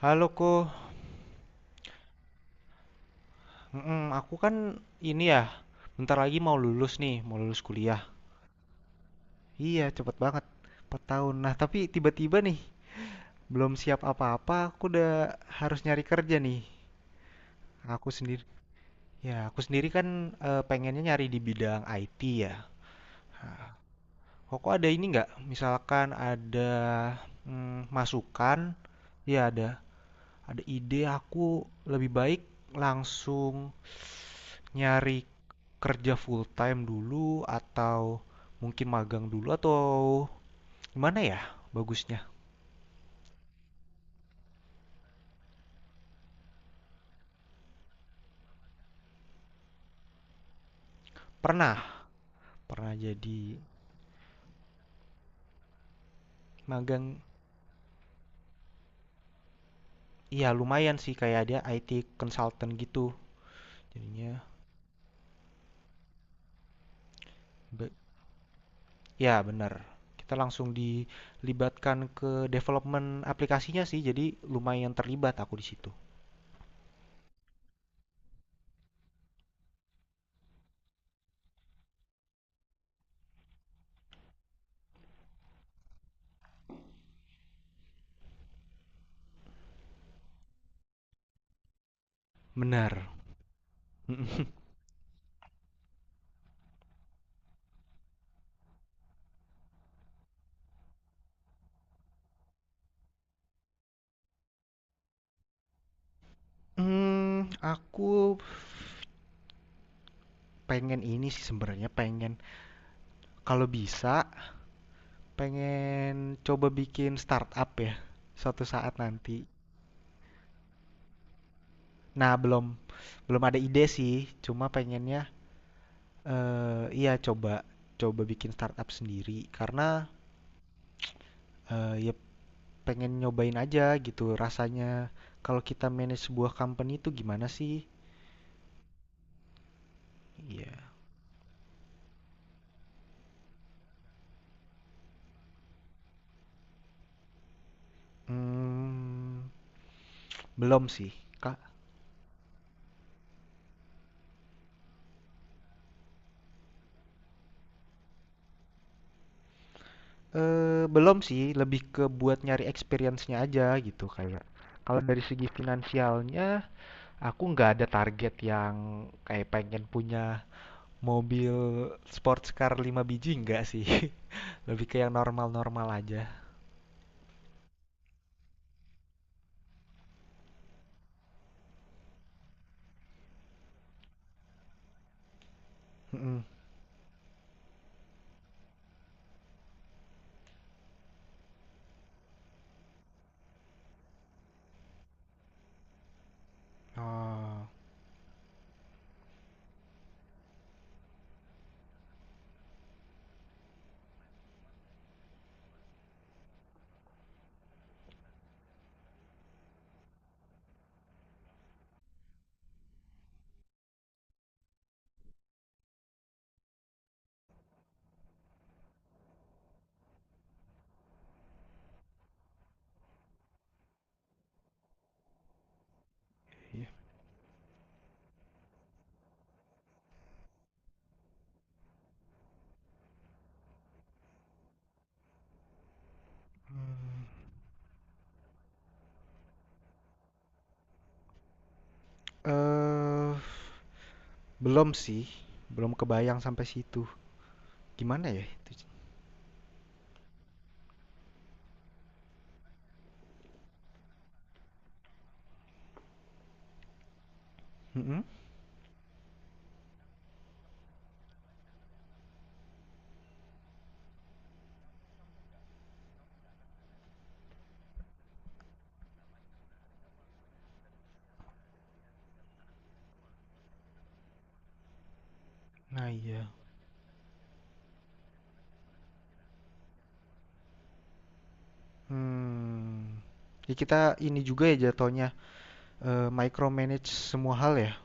Halo Ko. Mm-mm, aku kan ini ya, bentar lagi mau lulus nih, mau lulus kuliah. Iya, cepet banget, 4 tahun. Nah, tapi tiba-tiba nih, belum siap apa-apa, aku udah harus nyari kerja nih. Aku sendiri, ya aku sendiri kan pengennya nyari di bidang IT ya. Kok ada ini nggak? Misalkan ada masukan, ya ada ide aku lebih baik langsung nyari kerja full time dulu atau mungkin magang dulu atau gimana ya bagusnya? Pernah, pernah jadi magang. Iya, lumayan sih kayak dia IT consultant gitu. Jadinya be- ya benar. Kita langsung dilibatkan ke development aplikasinya sih, jadi lumayan terlibat aku di situ. Benar. Hmm, aku pengen ini sih, sebenarnya pengen kalau bisa pengen coba bikin startup ya, suatu saat nanti. Nah, belum belum ada ide sih, cuma pengennya iya coba coba bikin startup sendiri karena eh ya pengen nyobain aja gitu rasanya kalau kita manage sebuah company itu gimana sih? Iya. Hmm, belum sih. Ka eh belum sih, lebih ke buat nyari experience-nya aja gitu kayak. Kalau dari segi finansialnya, aku nggak ada target yang kayak pengen punya mobil sports car 5 biji nggak sih. Lebih ke yang normal-normal aja. Mm-mm. Oh, iya. Hmm. Eh, belum sih, belum kebayang sampai situ. Gimana ya itu? Mm-mm. Nah iya. Hmm. Ya kita ini juga ya jatuhnya micromanage semua hal ya.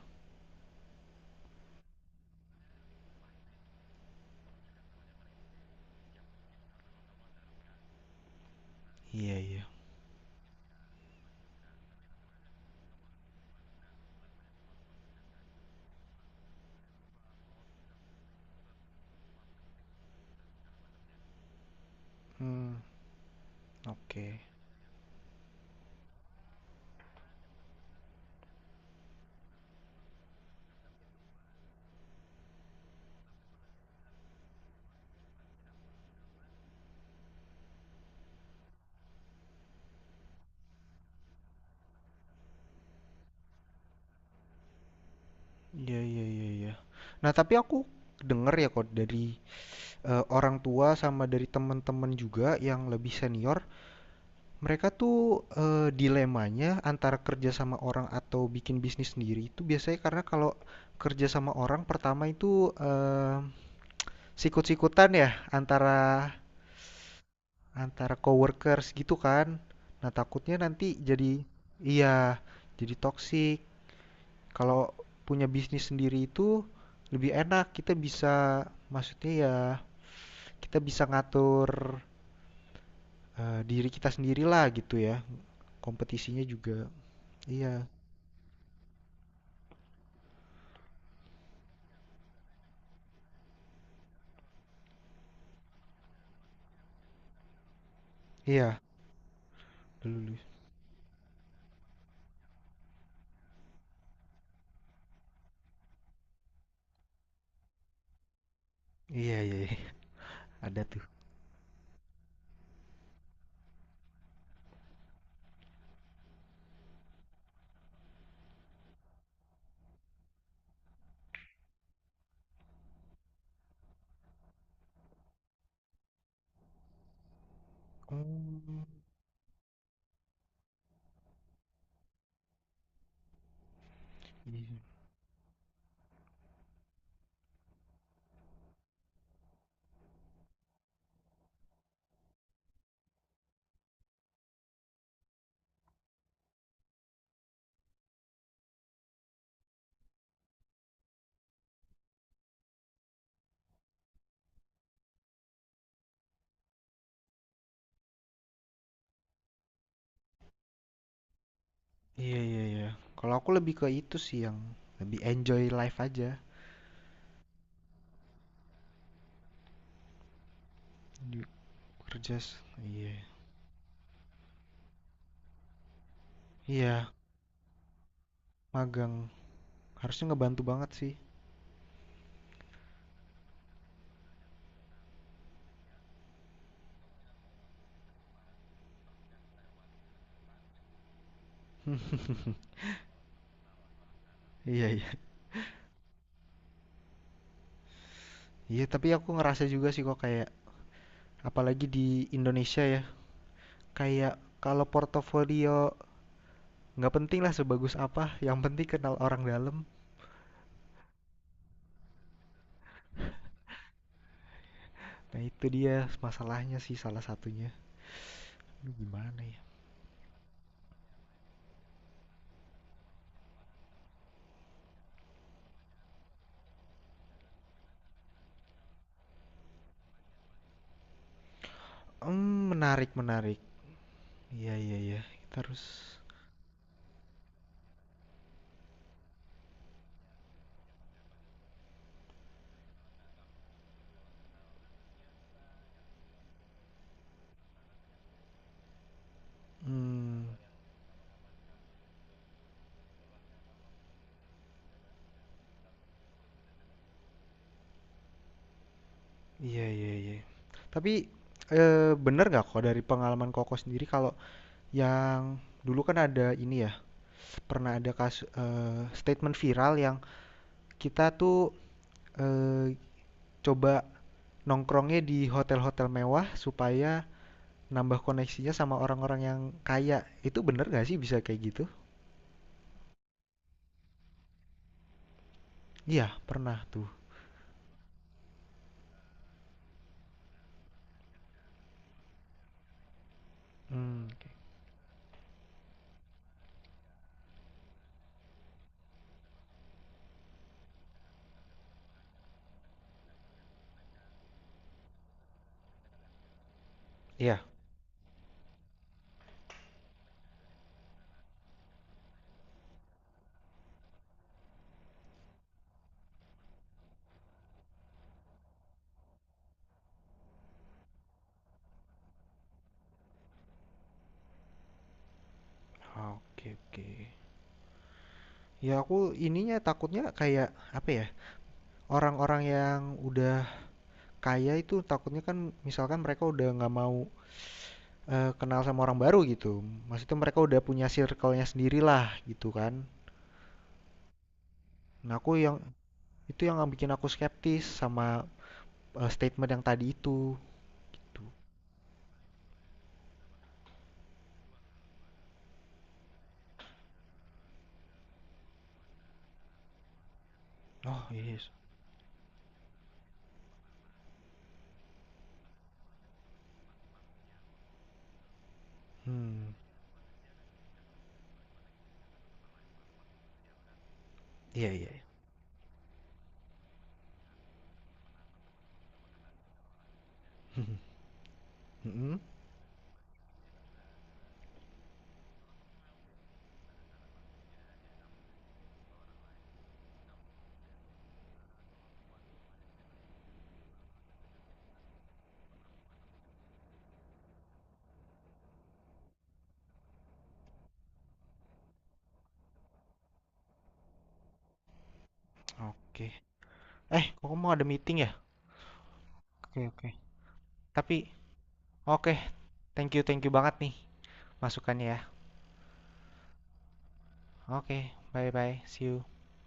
Iya, iya. Hmm, oke. Iya, iya, iya, iya. Nah, tapi aku denger ya kok dari orang tua sama dari teman-teman juga yang lebih senior, mereka tuh dilemanya antara kerja sama orang atau bikin bisnis sendiri itu biasanya karena kalau kerja sama orang pertama itu sikut-sikutan ya antara antara coworkers gitu kan. Nah, takutnya nanti jadi iya, jadi toksik. Kalau punya bisnis sendiri itu lebih enak, kita bisa maksudnya ya kita bisa ngatur diri kita sendiri lah gitu ya. Kompetisinya juga. Iya. Iya. Lulus. Iya, iya, iya. Ada tuh. Oh, iya. Iya, iya, iya. Kalau aku lebih ke itu sih yang lebih enjoy life aja. Di kerja. Iya. Iya, magang. Harusnya ngebantu banget sih. Iya, iya. Iya, tapi aku ngerasa juga sih kok kayak apalagi di Indonesia ya. Kayak kalau portofolio nggak penting lah sebagus apa, yang penting kenal orang dalam. Nah itu dia masalahnya sih salah satunya. Aduh, gimana ya? Hmm, menarik menarik. Iya, iya, iya. Kita harus. Hmm, iya iya iya. Tapi bener nggak kok dari pengalaman Koko sendiri kalau yang dulu kan ada ini ya pernah ada kasus statement viral yang kita tuh eh, coba nongkrongnya di hotel-hotel mewah supaya nambah koneksinya sama orang-orang yang kaya. Itu bener gak sih bisa kayak gitu? Iya, pernah tuh. Hmm, iya. Oke, oke. Ya aku ininya takutnya kayak apa ya? Orang-orang yang udah kaya itu takutnya kan misalkan mereka udah nggak mau kenal sama orang baru gitu. Maksudnya mereka udah punya circle-nya sendirilah gitu kan. Nah, aku yang itu yang bikin aku skeptis sama statement yang tadi itu. Tuh. Oh, yes. Hmm. Iya, iya. iya. Mm-mm. Oke. Eh, kok mau ada meeting ya? Oke, oke. Tapi, oke. Thank you banget nih masukannya ya. Oke, bye-bye. See you.